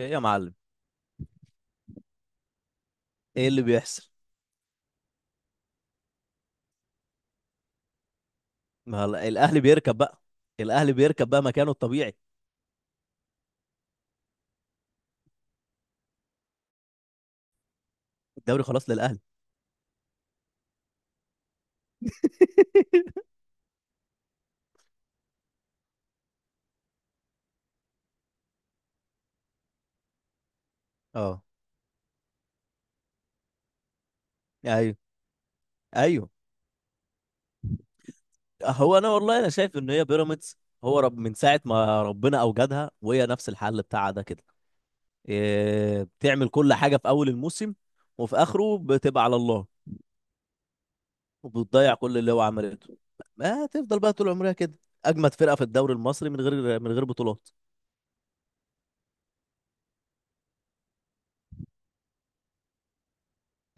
ايه يا معلم. ايه اللي بيحصل؟ ما هلا الاهلي بيركب بقى. الاهلي بيركب بقى مكانه الطبيعي. الدوري خلاص للاهلي. اه. ايوه. ايوه، هو انا والله انا شايف ان هي بيراميدز هو رب من ساعه ما ربنا اوجدها وهي نفس الحل بتاعها ده كده. إيه، بتعمل كل حاجه في اول الموسم وفي اخره بتبقى على الله وبتضيع كل اللي هو عملته. ما تفضل بقى طول عمرها كده، اجمد فرقه في الدوري المصري من غير من غير بطولات.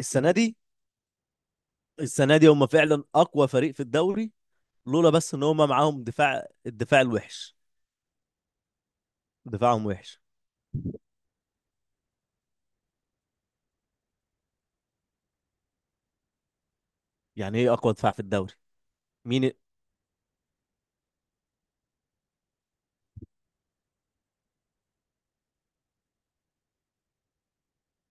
السنه دي، السنه دي هم فعلا اقوى فريق في الدوري، لولا بس ان هم معاهم دفاع الدفاع الوحش. دفاعهم وحش. يعني ايه اقوى دفاع في الدوري؟ مين؟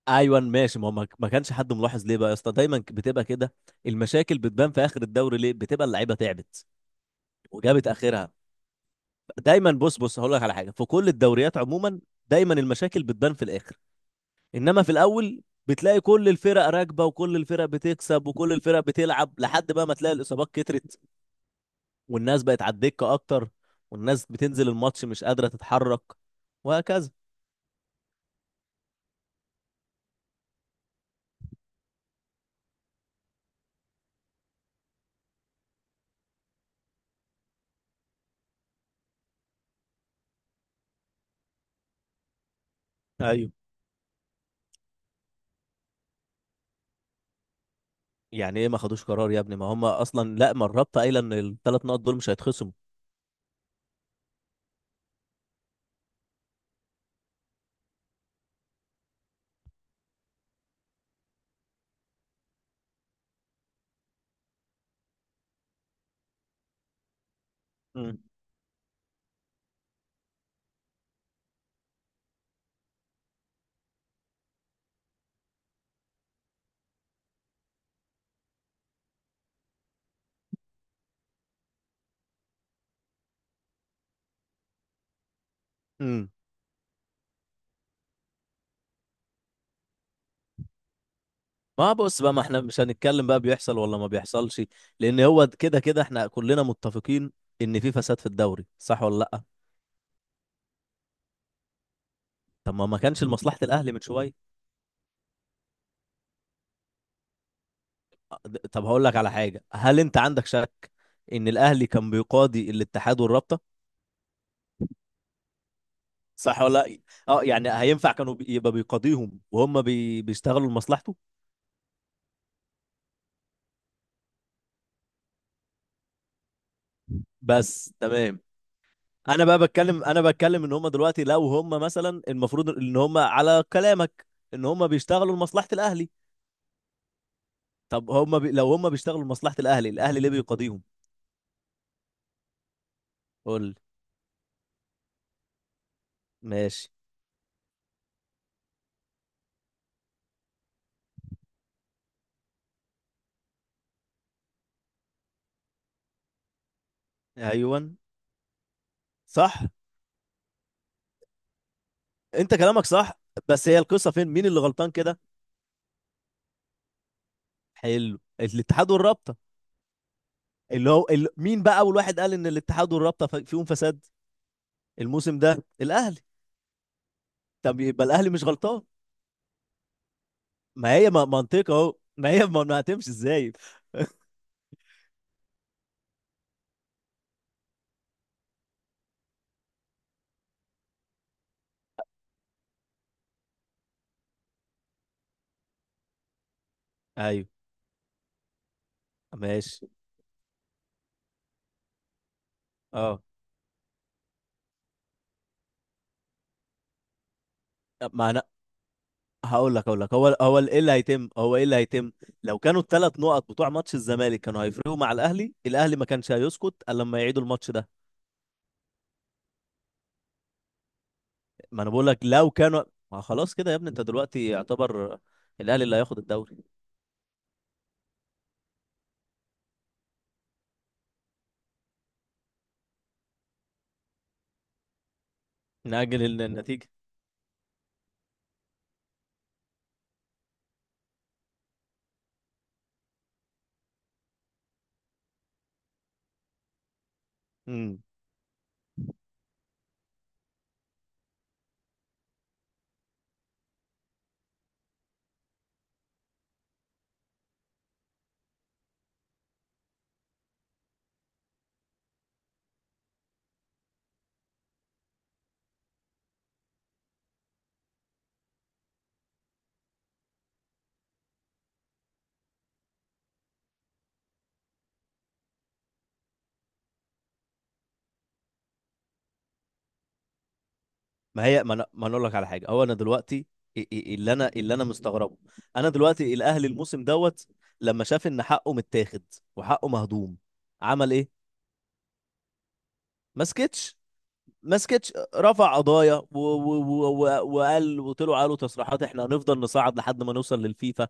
ايوه ماشي، ما هو ما كانش حد ملاحظ. ليه بقى يا اسطى دايما بتبقى كده؟ المشاكل بتبان في اخر الدوري، ليه؟ بتبقى اللعيبه تعبت وجابت اخرها. دايما بص، بص، هقول لك على حاجه في كل الدوريات عموما، دايما المشاكل بتبان في الاخر، انما في الاول بتلاقي كل الفرق راكبه وكل الفرق بتكسب وكل الفرق بتلعب، لحد بقى ما تلاقي الاصابات كترت والناس بقت على الدكة اكتر والناس بتنزل الماتش مش قادرة تتحرك، وهكذا. ايوه. يعني ايه ما خدوش قرار يا ابني؟ ما هم اصلا لا، ما الرابطة قايلة ان الثلاث نقط دول مش هيتخصموا. امم امم ما بص بقى، ما احنا مش هنتكلم بقى بيحصل ولا ما بيحصلش، لان هو كده كده احنا كلنا متفقين ان في فساد في الدوري، صح ولا لا؟ طب ما كانش لمصلحة الاهلي من شوية؟ طب هقول لك على حاجة، هل انت عندك شك ان الاهلي كان بيقاضي الاتحاد والرابطة؟ صح ولا لأ؟ اه، يعني هينفع كانوا يبقى بيقاضيهم وهم بيشتغلوا لمصلحته؟ بس تمام. انا بقى بتكلم، انا بتكلم ان هم دلوقتي لو هم مثلا المفروض ان هم على كلامك ان هم بيشتغلوا لمصلحة الاهلي، طب هم لو هم بيشتغلوا لمصلحة الاهلي، الاهلي ليه بيقاضيهم؟ قول لي. ماشي. ايوه صح، انت كلامك صح، بس هي القصة فين؟ مين اللي غلطان كده؟ حلو، الاتحاد والرابطة، اللي هو مين بقى اول واحد قال ان الاتحاد والرابطة فيهم فساد؟ الموسم ده الاهلي. طب يبقى الاهلي مش غلطان. ما هي منطقة اهو، ما هي ما هتمشي ازاي؟ ايوه ماشي. اه. طب ما انا هقول لك، هقول لك، هو ايه اللي هيتم، هو ايه اللي هيتم؟ لو كانوا الثلاث نقط بتوع ماتش الزمالك كانوا هيفرقوا مع الاهلي، الاهلي ما كانش هيسكت الا لما يعيدوا الماتش ده. ما انا بقول لك لو كانوا، ما خلاص كده يا ابني، انت دلوقتي يعتبر الاهلي اللي هياخد الدوري. نأجل النتيجة. امم ما هي، ما انا ما أنا اقول لك على حاجه، هو انا دلوقتي، اللي انا، اللي انا مستغربه، انا دلوقتي الاهلي الموسم دوت لما شاف ان حقه متاخد وحقه مهضوم، عمل ايه؟ ما سكتش. ما سكتش، رفع قضايا و وقال وطلعوا قالوا تصريحات: احنا هنفضل نصعد لحد ما نوصل للفيفا.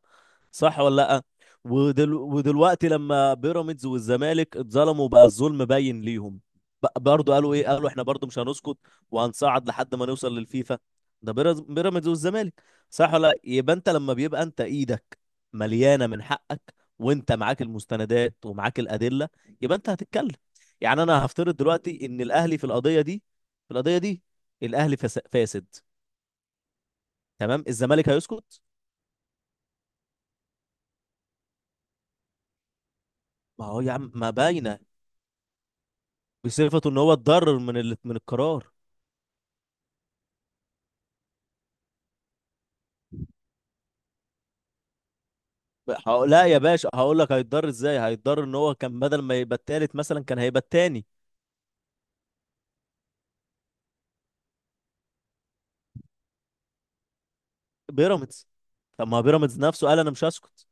صح ولا لا؟ ودلوقتي لما بيراميدز والزمالك اتظلموا بقى الظلم باين ليهم، برضه قالوا ايه، قالوا احنا برضه مش هنسكت وهنصعد لحد ما نوصل للفيفا. ده بيراميدز والزمالك. صح ولا لا؟ يبقى انت لما بيبقى انت ايدك مليانه من حقك وانت معاك المستندات ومعاك الادله، يبقى انت هتتكلم. يعني انا هفترض دلوقتي ان الاهلي في القضيه دي، في القضيه دي، الاهلي فاسد. تمام، الزمالك هيسكت؟ ما هو يا عم ما باينه. بصفته ان هو اتضرر من من القرار. هقول لا يا باشا، هقول لك هيتضرر ازاي، هيتضرر ان هو كان بدل ما يبقى التالت مثلا كان هيبقى التاني. بيراميدز. طب ما بيراميدز نفسه قال انا مش هسكت.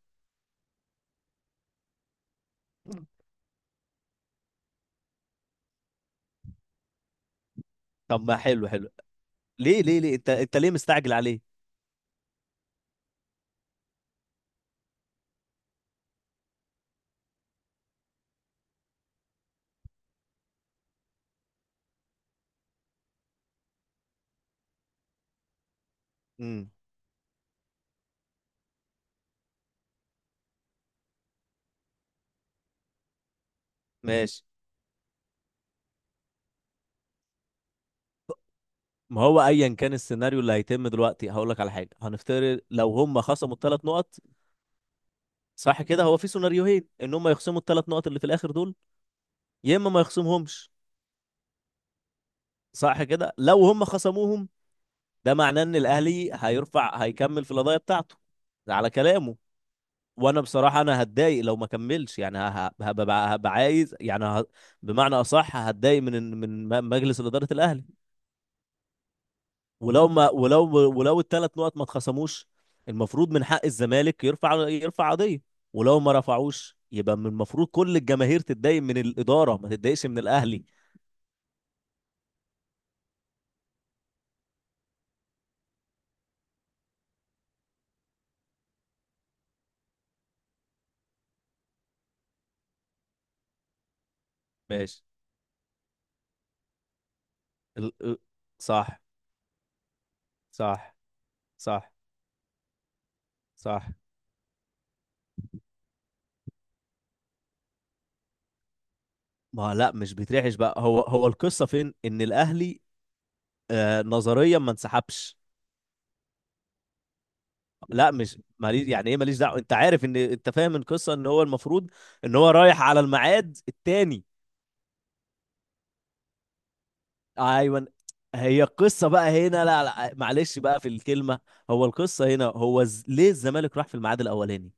طب ما حلو حلو، ليه ليه انت، انت ليه مستعجل عليه؟ امم ماشي. ما هو ايا كان السيناريو اللي هيتم دلوقتي، هقول لك على حاجه. هنفترض لو هم خصموا الثلاث نقط، صح كده؟ هو في سيناريوهين: ان هم يخصموا الثلاث نقط اللي في الاخر دول، يا اما ما يخصمهمش. صح كده؟ لو هم خصموهم، ده معناه ان الاهلي هيرفع، هيكمل في القضيه بتاعته، ده على كلامه. وانا بصراحه انا هتضايق لو ما كملش، يعني هبقى، هبقى عايز يعني بمعنى اصح هتضايق من من مجلس اداره الاهلي. ولو ولو الثلاث نقط ما اتخصموش، المفروض من حق الزمالك يرفع، يرفع قضيه. ولو ما رفعوش يبقى من المفروض كل الجماهير تتضايق من الاداره ما تتضايقش من الاهلي. ماشي. ال... صح، صح، صح، صح. ما هو لا مش بيترعش بقى، هو، هو القصه فين ان الاهلي آه نظريا ما انسحبش؟ لا مش ماليش، يعني ايه ماليش دعوه؟ انت عارف ان انت فاهم القصه ان هو المفروض ان هو رايح على الميعاد التاني. ايوه. هي القصه بقى هنا، لا لا معلش بقى في الكلمه، هو القصه هنا هو ليه الزمالك راح في الميعاد الاولاني؟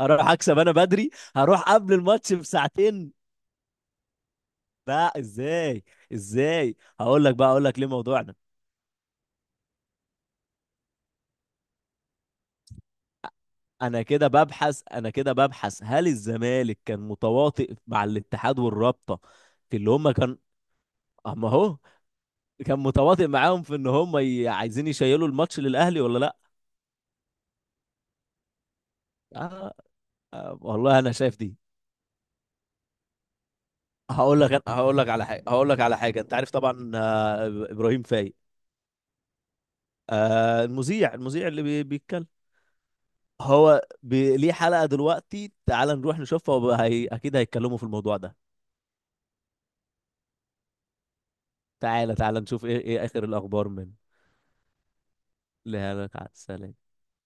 اروح اكسب انا بدري، هروح قبل الماتش بساعتين. لا ازاي؟ ازاي؟ هقول لك بقى، اقول لك ليه موضوعنا، انا كده ببحث، انا كده ببحث هل الزمالك كان متواطئ مع الاتحاد والرابطه في اللي هم كان، اما اهو، كان متواطئ معاهم في ان هم عايزين يشيلوا الماتش للاهلي ولا لا؟ آه، آه والله انا شايف دي. هقول لك، هقول لك على حاجه، هقول لك على حاجه، انت عارف طبعا آه ابراهيم فايق؟ آه المذيع، المذيع اللي بيتكلم؟ هو بي ليه حلقه دلوقتي، تعال نروح نشوفها، وبقى اكيد هيتكلموا في الموضوع ده. تعالى تعالى نشوف ايه، ايه اخر الاخبار من. لا لا تعال، سلام.